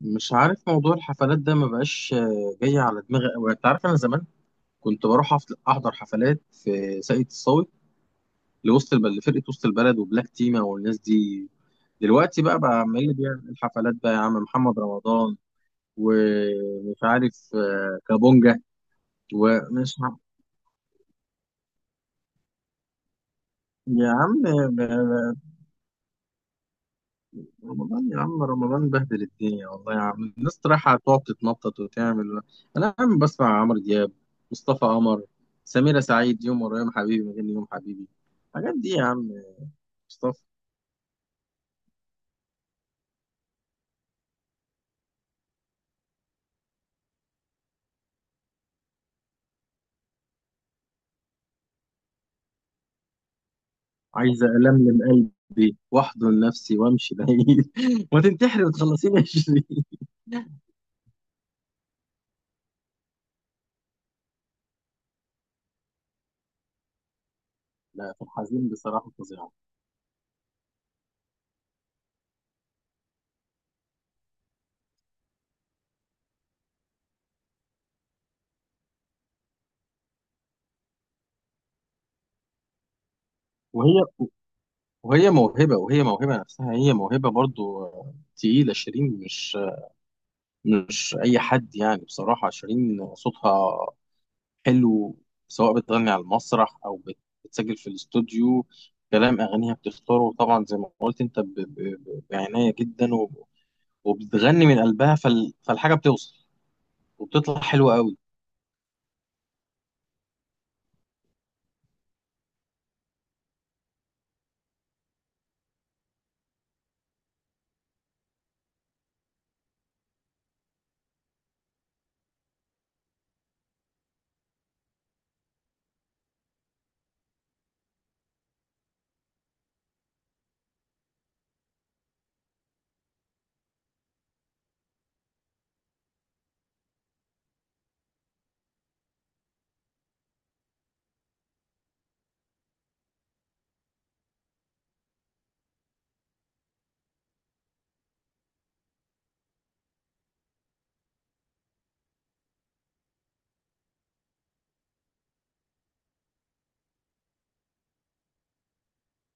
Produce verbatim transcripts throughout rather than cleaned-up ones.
مش عارف موضوع الحفلات ده ما بقاش، آه، جاي على دماغي قوي. انت عارف انا زمان كنت بروح أفت- احضر حفلات في ساقية الصاوي، لوسط البلد، لفرقة وسط البلد وبلاك تيما والناس دي. دلوقتي بقى بقى عمال اللي بيعمل الحفلات بقى يا عم محمد رمضان، ومش عارف آه، كابونجا. ومش عارف- يا عم، آه، رمضان يا عم، رمضان بهدل الدنيا والله يا عم، الناس رايحة تقعد تتنطط وتعمل. أنا يا عم بسمع عمرو دياب، مصطفى قمر، سميرة سعيد. يوم ورا يوم حبيبي، مغني يوم حبيبي، الحاجات دي يا عم، مصطفى. عايزة ألملم قلبي وأحضن نفسي وأمشي بعيد وتنتحري وتخلصيني عشرين. لا، في الحزين بصراحة فظيعة. وهي وهي موهبة، وهي موهبة نفسها، هي موهبة برضو، آه، تقيلة شيرين. مش مش أي حد يعني، بصراحة شيرين صوتها حلو، سواء بتغني على المسرح او بت- بتسجل في الاستوديو. كلام اغانيها بتختاره طبعا زي ما قلت انت، ب- ب- ب- بعنايه جدا، وب- وبتغني من قلبها، فال- فالحاجه بتوصل وبتطلع حلوه قوي.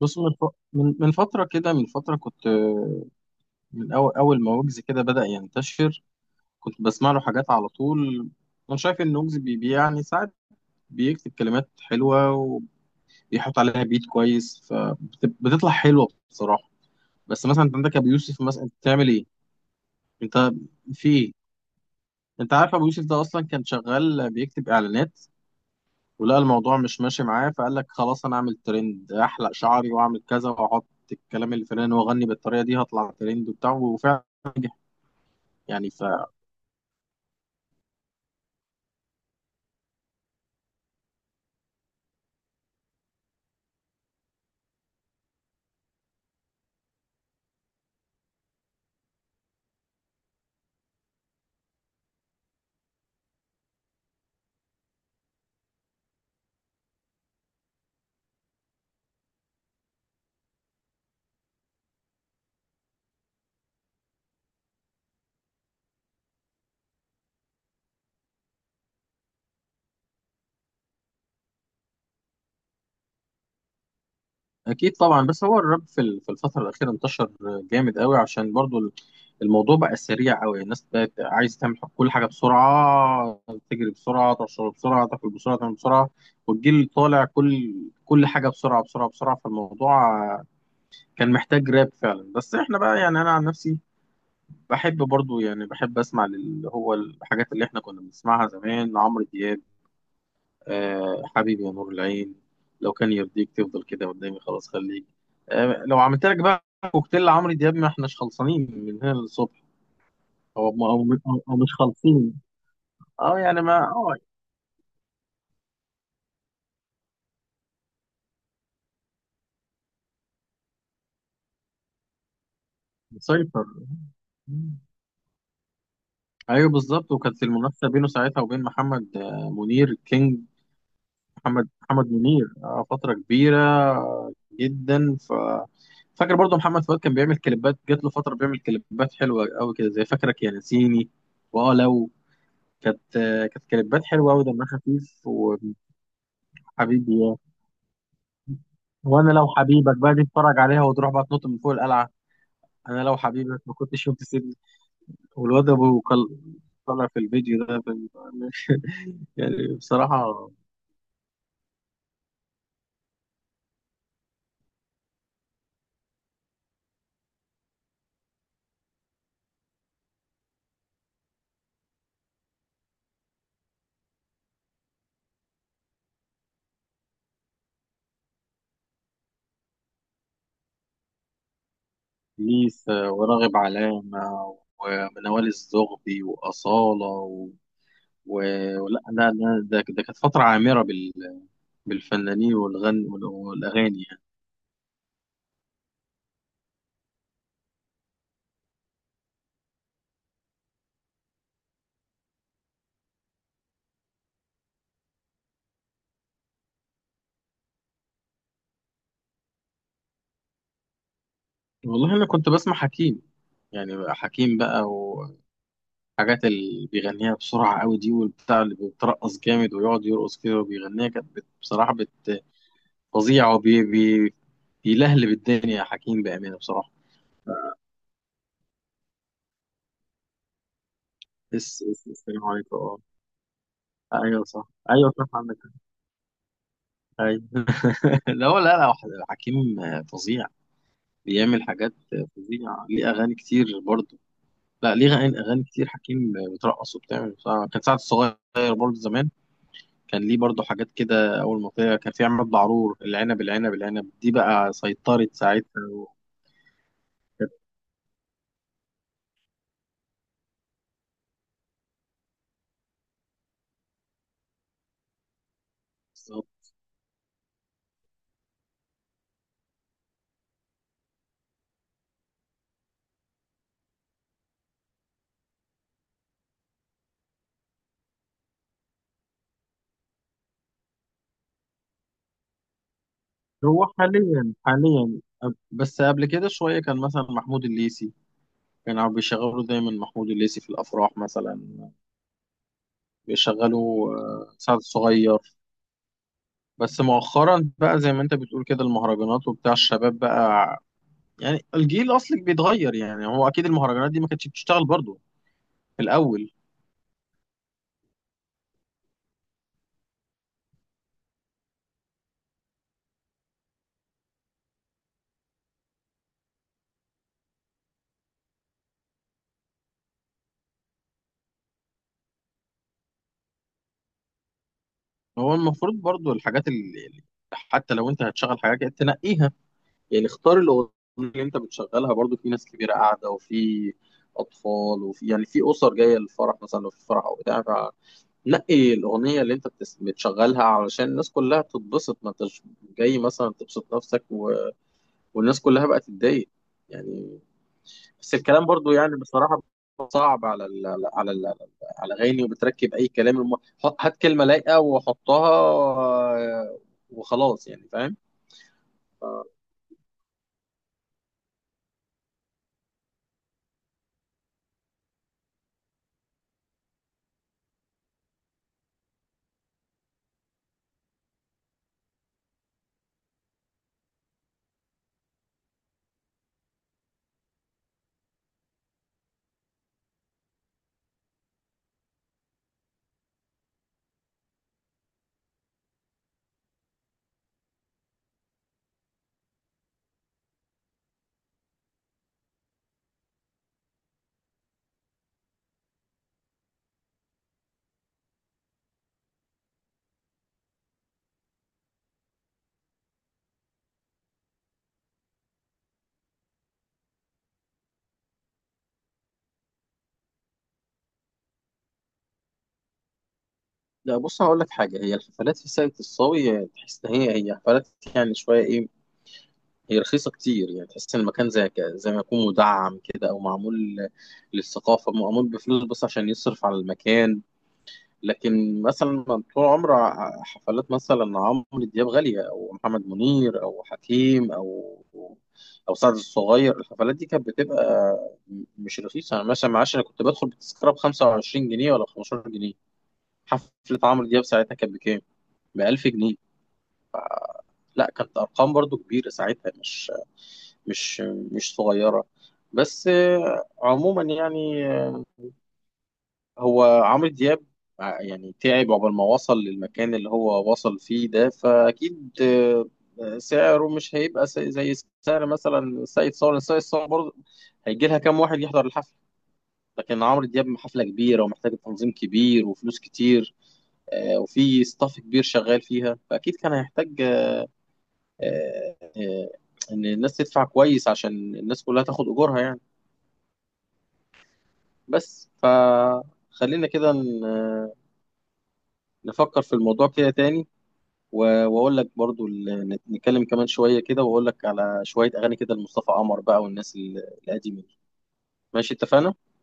بص من ف- من من فتره كده، من فتره كنت آه، من اول اول ما ويجز كده بدأ ينتشر، كنت بسمع له حاجات على طول. انا شايف ان ويجز بي بي- يعني ساعات بيكتب كلمات حلوه وبيحط عليها بيت كويس فبتطلع حلوه بصراحه. بس مثلا انت عندك ابو يوسف، مثلا انت بتعمل ايه، انت في ايه؟ انت عارف ابو يوسف ده اصلا كان شغال بيكتب اعلانات، ولقى الموضوع مش ماشي معاه فقال لك خلاص انا اعمل ترند، احلق شعري واعمل كذا واحط الكلام اللي في الأغاني واغني بالطريقه دي هطلع ترند وبتاع، وفعلا نجح. يعني اكيد طبعا، بس هو الراب في ال- في الفتره الاخيره انتشر جامد قوي، عشان برضو ال- الموضوع بقى سريع قوي. الناس بقت عايز تعمل كل حاجه بسرعه، تجري بسرعه، تشرب بسرعه، تاكل بسرعه، تعمل بسرعه. والجيل طالع كل كل حاجه بسرعه بسرعه بسرعه، فالموضوع كان محتاج راب فعلا. بس احنا بقى، يعني انا عن نفسي بحب برضو، يعني بحب اسمع اللي هو الحاجات اللي احنا كنا بنسمعها زمان، عمرو دياب. آه حبيبي يا نور العين، لو كان يرضيك تفضل كده قدامي خلاص خليك. آه لو عملت لك بقى كوكتيل عمرو دياب ما احناش خلصانين من هنا للصبح. هو ما- او أو- أو مش خالصين. اه يعني ما اه. مسيطر. مم. ايوه بالظبط، وكانت المنافسه بينه ساعتها وبين محمد آه، منير كينج. محمد محمد منير آه، فتره كبيره جدا. ف فاكر برضو محمد فؤاد كان بيعمل كليبات، جات له فتره بيعمل كليبات حلوه قوي كده، زي فاكرك يا نسيني. واه لو كانت كانت كليبات حلوه قوي، دمها خفيف، وحبيبي يا، وانا لو حبيبك بقى دي اتفرج عليها وتروح بقى تنط من فوق القلعه. انا لو حبيبك ما كنتش يوم تسيبني. والواد ابو كل طلع في الفيديو ده بال- يعني بصراحه، ليس وراغب علامه ومنوال الزغبي واصاله و... و- ولا لا لا، ده ده كانت فتره عامره بال... بالفنانين والغن والاغاني يعني. والله انا كنت بسمع حكيم، يعني بقى حكيم بقى، الحاجات اللي بيغنيها بسرعة قوي دي، والبتاع اللي بيترقص جامد ويقعد يرقص كده وبيغنيها كانت بت- بصراحة بت- فظيعة، وبي بي بيلهلب الدنيا يا حكيم، بأمانة بصراحة. بس بس السلام عليكم اه. ايوه صح، ايوه صح، عندك حق. ايوه لا هو، لا لا، حكيم فظيع، بيعمل حاجات فظيعة، ليه أغاني كتير برضه. لا، ليه أغاني أغاني كتير، حكيم بترقص وبتعمل بصراحة. كان سعد الصغير برضه زمان كان ليه برضو حاجات كده، اول ما طلع كان في عماد بعرور، العنب العنب العنب دي بقى سيطرت ساعتها وكانت بالظبط. هو حاليا حاليا أب- بس قبل كده شوية كان مثلا محمود الليثي، كانوا بيشغلوا دايما محمود الليثي في الأفراح مثلا، بيشغلوا آه، سعد الصغير. بس مؤخرا بقى زي ما انت بتقول كده، المهرجانات وبتاع الشباب بقى، يعني الجيل أصلك بيتغير. يعني هو أكيد المهرجانات دي ما كانتش بتشتغل برضو في الأول. هو المفروض برضو الحاجات اللي اللي- حتى لو انت هتشغل حاجه كده تنقيها، يعني اختار الاغنيه اللي انت بتشغلها، برضو في ناس كبيره قاعده وفي اطفال، وفي يعني في اسر جايه للفرح مثلا، لو في فرح او بتاع، فنقي الاغنيه اللي انت بتس- بتشغلها علشان الناس كلها تتبسط. ما انتش جاي مثلا تبسط نفسك و... والناس كلها بقى تتضايق يعني. بس الكلام برضو يعني بصراحة صعب على ال على ال على الاغاني، وبتركب اي كلام الم... حط- هات كلمة لايقة وحطها، آه، وخلاص يعني فاهم. لا بص، هقول لك حاجة، هي الحفلات في ساقية الصاوي تحس ان هي هي حفلات، يعني شوية ايه؟ هي رخيصة كتير يعني، تحس ان المكان زي ك- زي ما يكون مدعم كده او معمول للثقافة، معمول بفلوس بس عشان يصرف على المكان. لكن مثلا طول عمر ع- حفلات مثلا عمرو دياب غالية، أو محمد منير أو حكيم أو أو سعد الصغير. الحفلات دي كانت بتبقى م- مش رخيصة. أنا مثلا معاش، أنا كنت بدخل بتذكرة بخمسة وعشرين جنيه ولا بخمستاشر جنيه. حفلة عمرو دياب ساعتها كانت بكام؟ بألف جنيه. لا، كانت أرقام برضو كبيرة ساعتها، مش مش مش صغيرة. بس آه، عموما يعني، هو عمرو دياب ع- يعني تعب عقبال ما وصل للمكان اللي هو وصل فيه ده، فأكيد آه، آه، سعره مش هيبقى س- زي سعر مثلا سيد صالح. سيد صالح برضه هيجي لها كام واحد يحضر الحفلة. لكن عمرو دياب حفلة كبيرة ومحتاجة تنظيم كبير وفلوس كتير، آه، وفي ستاف كبير شغال فيها، فأكيد كان هيحتاج آه، آه، إن الناس تدفع كويس عشان الناس كلها تاخد أجورها يعني. بس فخلينا كده ن- آه، نفكر في الموضوع كده تاني، و- واقول لك برضو، ال- نتكلم كمان شويه كده، واقول لك على شويه اغاني كده لمصطفى قمر بقى، والناس ال- القديمه دي. ماشي، اتفقنا.